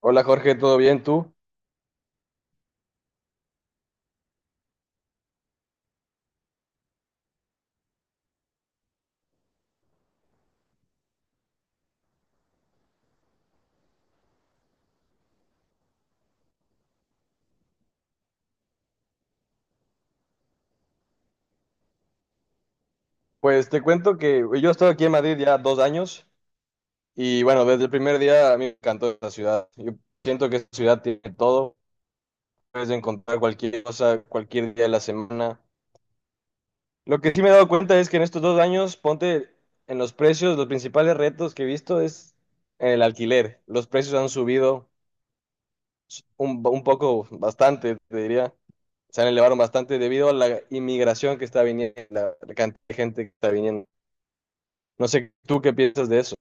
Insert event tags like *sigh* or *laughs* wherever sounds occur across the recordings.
Hola Jorge, ¿todo bien tú? Pues te cuento que yo estoy aquí en Madrid ya 2 años y bueno, desde el primer día a mí me encantó esta ciudad. Yo siento que esta ciudad tiene todo, puedes encontrar cualquier cosa, cualquier día de la semana. Lo que sí me he dado cuenta es que en estos 2 años, ponte en los precios, los principales retos que he visto es el alquiler. Los precios han subido un poco, bastante, te diría. Se han elevado bastante debido a la inmigración que está viniendo, la cantidad de gente que está viniendo. No sé tú qué piensas de eso.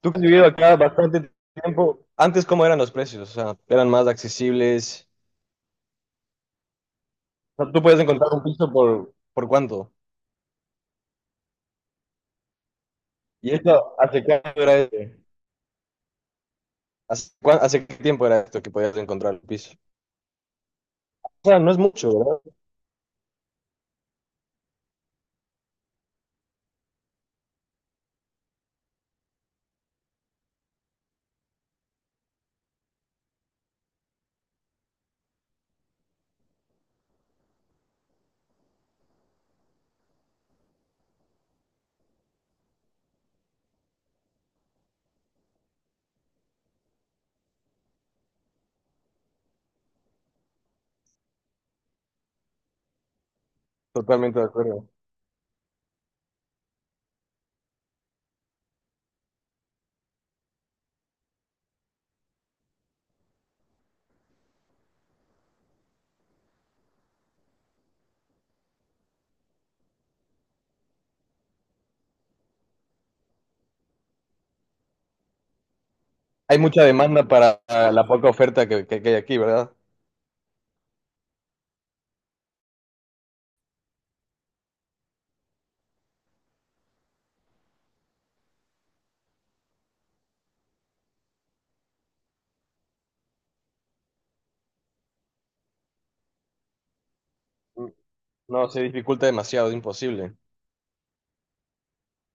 Tú que has vivido acá bastante tiempo, antes cómo eran los precios, o sea, eran más accesibles. O sea, tú puedes encontrar un piso por cuánto. ¿Y esto hace cuánto era este? ¿Hace qué tiempo era esto que podías encontrar el piso? O sea, no es mucho, ¿verdad? Totalmente de acuerdo. Hay mucha demanda para la poca oferta que hay aquí, ¿verdad? No, se dificulta demasiado, es imposible.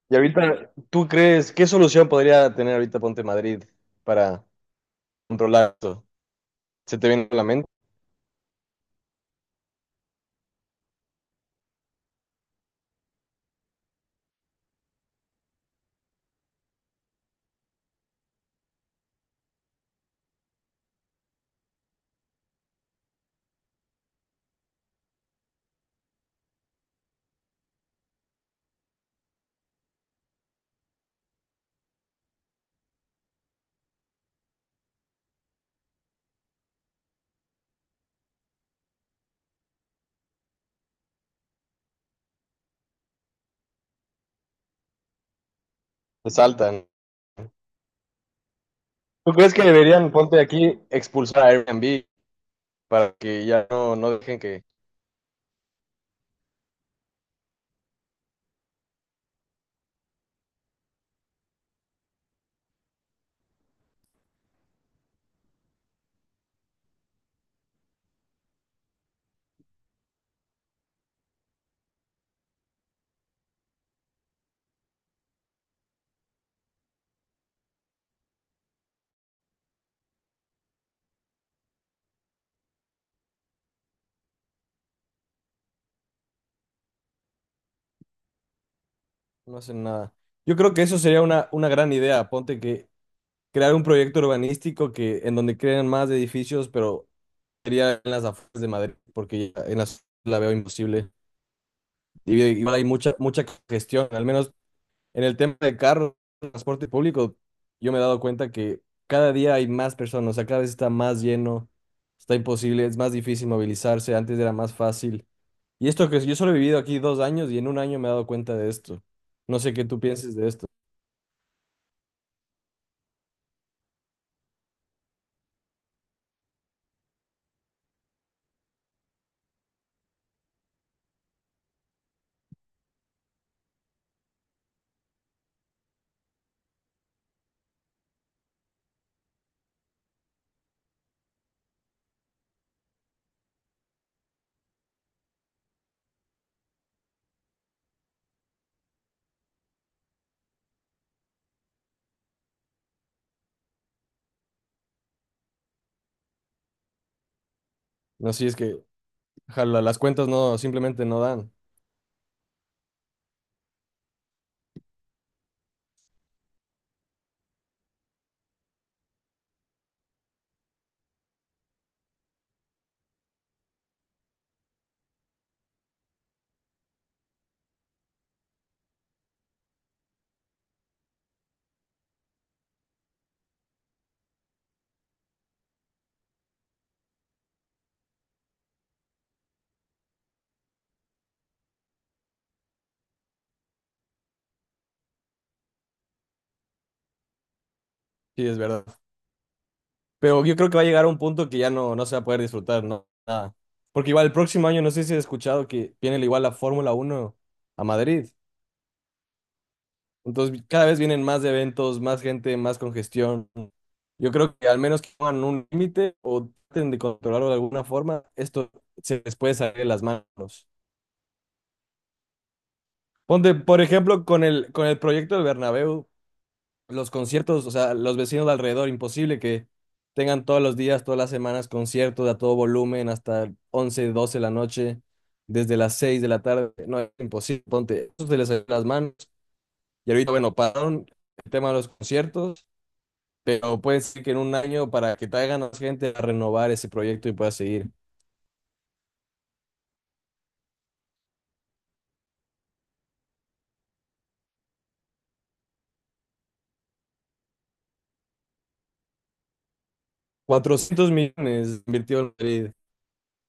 Y ahorita, ¿tú crees qué solución podría tener ahorita ponte Madrid para controlar esto? ¿Se te viene a la mente? Saltan. ¿Tú crees que deberían, ponte aquí, expulsar a Airbnb para que ya no, no dejen que no hacen nada? Yo creo que eso sería una gran idea, ponte que crear un proyecto urbanístico que en donde creen más edificios, pero sería en las afueras de Madrid, porque ya en las la veo imposible. Y igual hay mucha, mucha congestión, al menos en el tema de carros, transporte público, yo me he dado cuenta que cada día hay más personas, o sea, cada vez está más lleno, está imposible, es más difícil movilizarse, antes era más fácil. Y esto que yo solo he vivido aquí 2 años y en un año me he dado cuenta de esto. No sé qué tú pienses de esto. No sé si es que jala, las cuentas no, simplemente no dan. Sí, es verdad. Pero yo creo que va a llegar a un punto que ya no, no se va a poder disfrutar, no, nada. Porque igual el próximo año, no sé si has escuchado que viene igual la Fórmula 1 a Madrid. Entonces cada vez vienen más eventos, más gente, más congestión. Yo creo que al menos que pongan un límite o traten de controlarlo de alguna forma, esto se les puede salir de las manos. Ponte, por ejemplo, con el proyecto del Bernabéu, los conciertos, o sea, los vecinos de alrededor, imposible que tengan todos los días, todas las semanas conciertos a todo volumen hasta 11, 12 de la noche, desde las 6 de la tarde. No, es imposible, ponte, eso se les salió de las manos. Y ahorita, bueno, pararon el tema de los conciertos, pero puede ser que en un año para que traigan a más gente a renovar ese proyecto y pueda seguir. 400 millones invirtió el Madrid,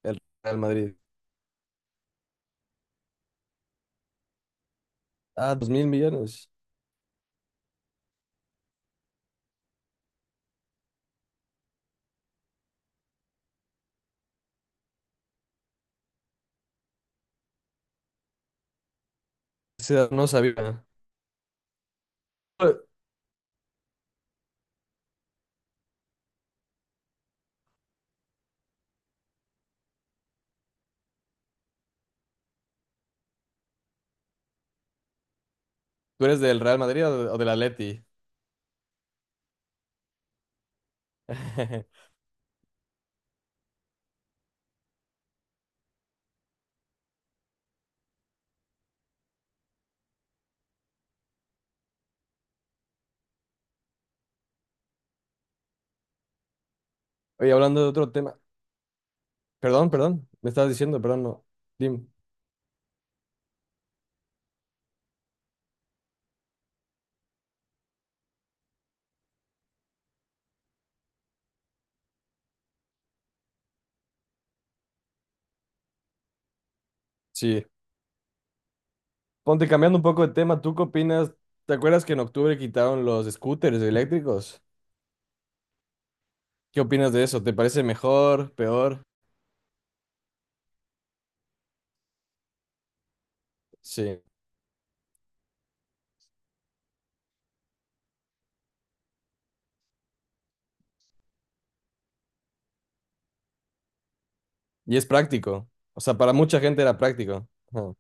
el Real Madrid. Ah, 2.000 millones. O sea, no sabía. ¿Tú eres del Real Madrid o, de- o del Atleti? *laughs* Oye, hablando de otro tema. Perdón, perdón. Me estabas diciendo, perdón, no. Dim, sí. Ponte cambiando un poco de tema. ¿Tú qué opinas? ¿Te acuerdas que en octubre quitaron los scooters eléctricos? ¿Qué opinas de eso? ¿Te parece mejor, peor? Sí. Y es práctico. O sea, para mucha gente era práctico. Ajá.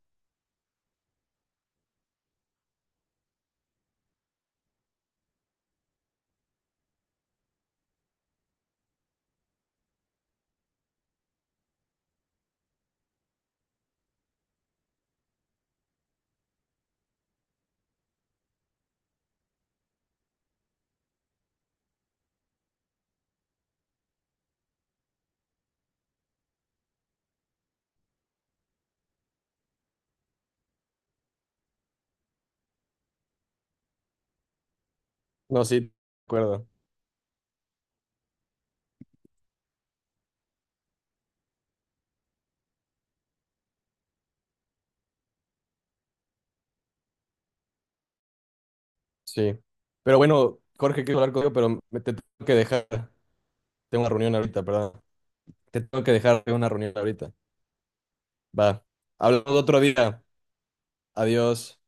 No, sí, de acuerdo. Sí. Pero bueno, Jorge, quiero hablar contigo, pero me te tengo que dejar. Tengo una reunión ahorita, perdón. Te tengo que dejar, tengo una reunión ahorita. Va. Hablamos otro día. Adiós.